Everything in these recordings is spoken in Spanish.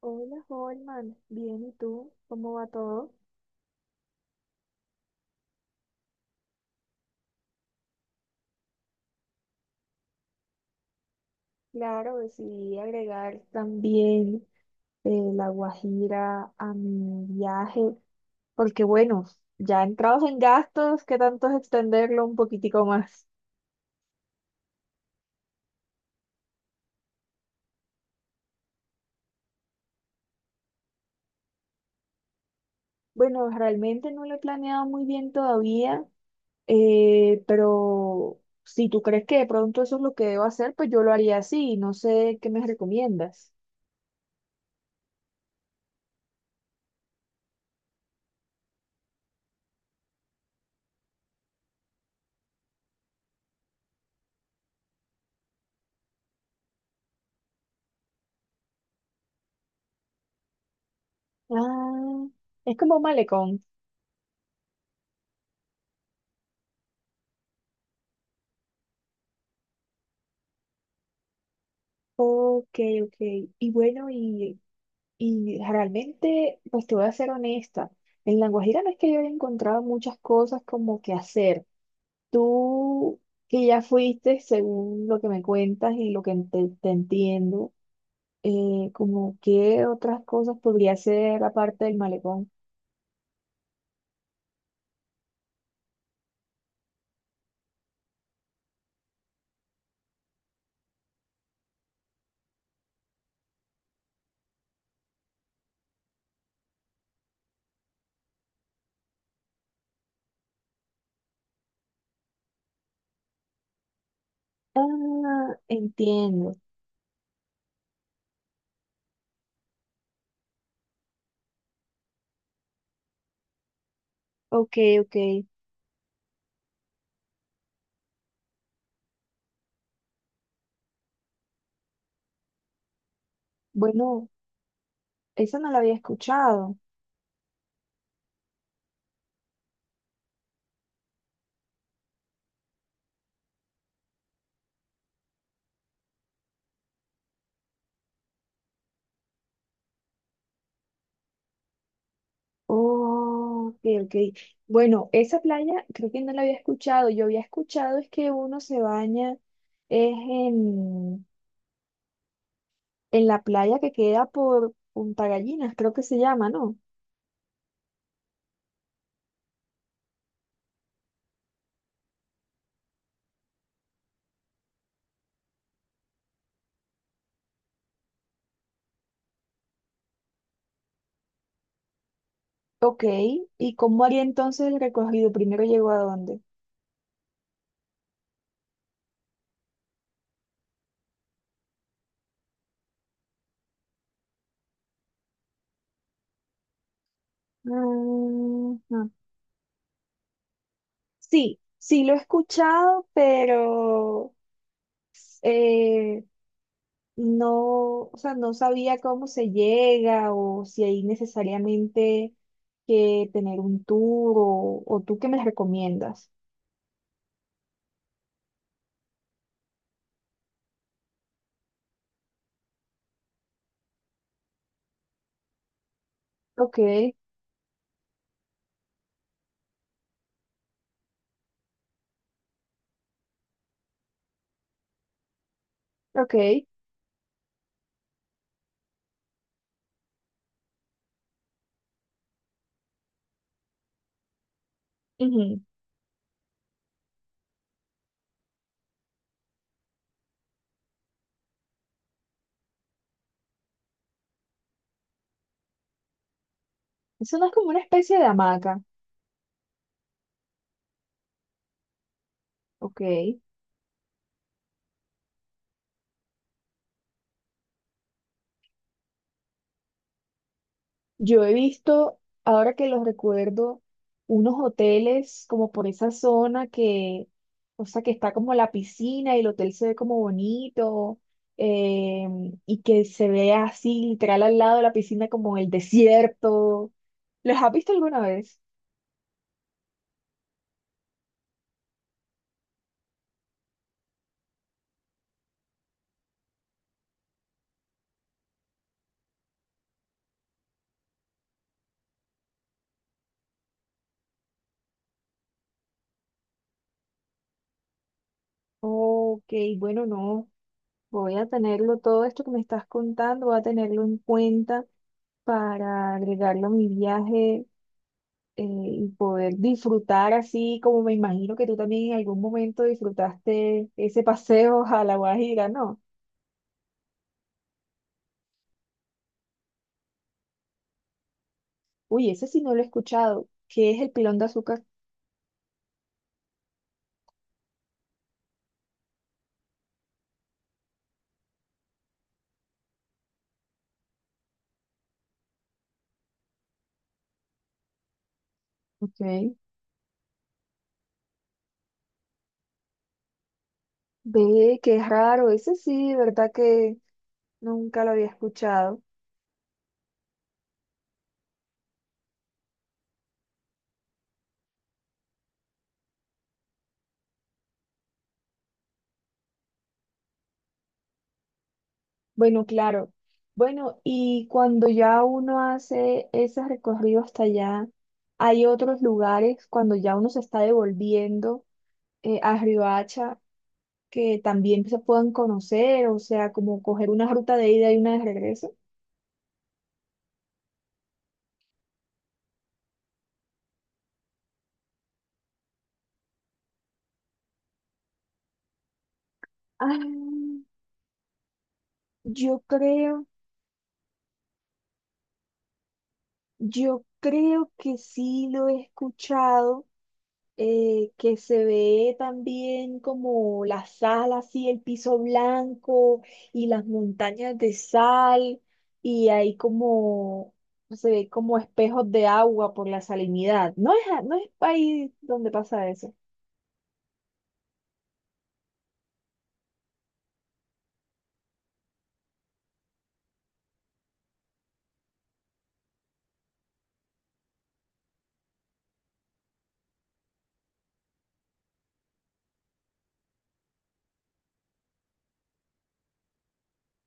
Hola, Holman. Bien, ¿y tú? ¿Cómo va todo? Claro, decidí agregar también la Guajira a mi viaje, porque bueno, ya entrados en gastos, ¿qué tanto es extenderlo un poquitico más? Bueno, realmente no lo he planeado muy bien todavía, pero si tú crees que de pronto eso es lo que debo hacer, pues yo lo haría así. No sé qué me recomiendas. Ah, es como un malecón. Ok, ok. Y bueno, ¿y Y realmente, pues te voy a ser honesta, en La Guajira no es que yo haya encontrado muchas cosas como que hacer. Tú que ya fuiste, según lo que me cuentas y lo que te entiendo, como qué otras cosas podría hacer aparte del malecón. Ah, entiendo. Ok, ok. Bueno, esa no la había escuchado. Oh, ok, ok. Bueno, esa playa creo que no la había escuchado. Yo había escuchado es que uno se baña es en la playa que queda por Punta Gallinas, creo que se llama, ¿no? Ok, ¿y cómo haría entonces el recorrido? ¿Primero llegó a dónde? Ajá. Sí, sí lo he escuchado, pero eh, no, o sea, no sabía cómo se llega o si hay necesariamente que tener un tour o tú qué me recomiendas. Ok, ok. Ujú. Eso no es como una especie de hamaca. Ok. Yo he visto, ahora que los recuerdo, unos hoteles como por esa zona que, o sea, que está como la piscina y el hotel se ve como bonito, eh, y que se ve así literal al lado de la piscina como el desierto. ¿Los has visto alguna vez? Ok, bueno, no, voy a tenerlo, todo esto que me estás contando, voy a tenerlo en cuenta para agregarlo a mi viaje, y poder disfrutar así como me imagino que tú también en algún momento disfrutaste ese paseo a La Guajira, ¿no? Uy, ese sí no lo he escuchado. ¿Qué es el pilón de azúcar? Ok. Ve, qué raro. Ese sí, de ¿verdad que nunca lo había escuchado? Bueno, claro. Bueno, y cuando ya uno hace ese recorrido hasta allá, hay otros lugares cuando ya uno se está devolviendo, a Riohacha, que también se puedan conocer, o sea, ¿como coger una ruta de ida y una de regreso? Ah, yo creo, yo creo que sí lo he escuchado, que se ve también como la sal, así el piso blanco y las montañas de sal, y hay como, se ve como espejos de agua por la salinidad. No es, no es país donde pasa eso.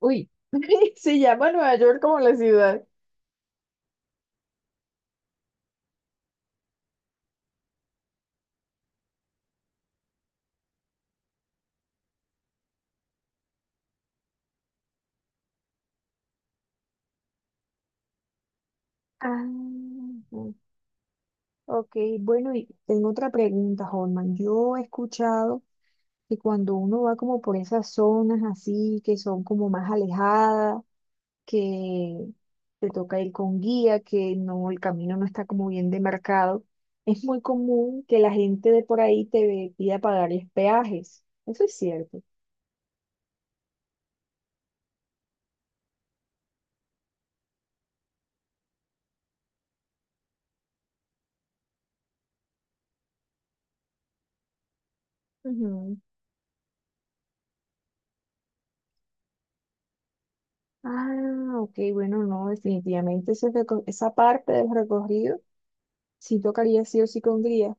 Uy, se llama Nueva York como la ciudad. Ah, ujú. Ok, bueno, y tengo otra pregunta, Holman. Yo he escuchado que cuando uno va como por esas zonas así, que son como más alejadas, que te toca ir con guía, que no, el camino no está como bien demarcado, es muy común que la gente de por ahí te pida pagarles peajes. ¿Eso es cierto? Ujú. Ah, ok, bueno, no, definitivamente ese esa parte del recorrido sí tocaría sí o sí con guía.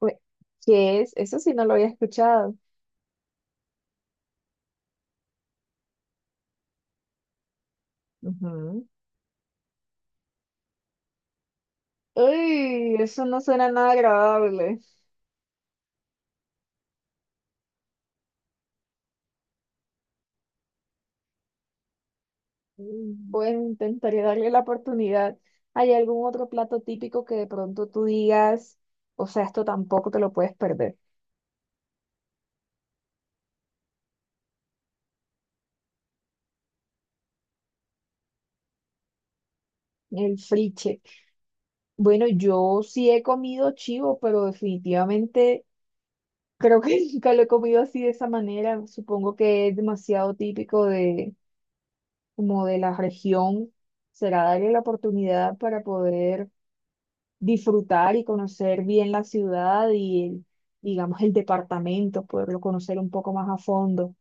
Ue- ¿Qué es? Eso sí no lo había escuchado. Ujú. Uy, eso no suena nada agradable. Mm, bueno, intentaré darle la oportunidad. ¿Hay algún otro plato típico que de pronto tú digas, o sea, esto tampoco te lo puedes perder? El friche. Bueno, yo sí he comido chivo, pero definitivamente creo que nunca lo he comido así de esa manera. Supongo que es demasiado típico de, como de la región. Será darle la oportunidad para poder disfrutar y conocer bien la ciudad y, digamos, el departamento, poderlo conocer un poco más a fondo.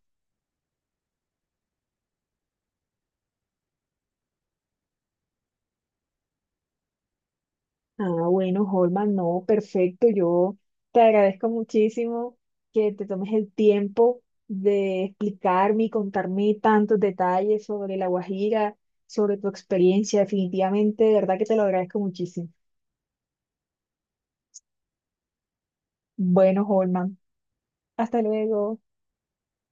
Ah, bueno, Holman, no, perfecto. Yo te agradezco muchísimo que te tomes el tiempo de explicarme y contarme tantos detalles sobre La Guajira, sobre tu experiencia. Definitivamente, de verdad que te lo agradezco muchísimo. Bueno, Holman, hasta luego.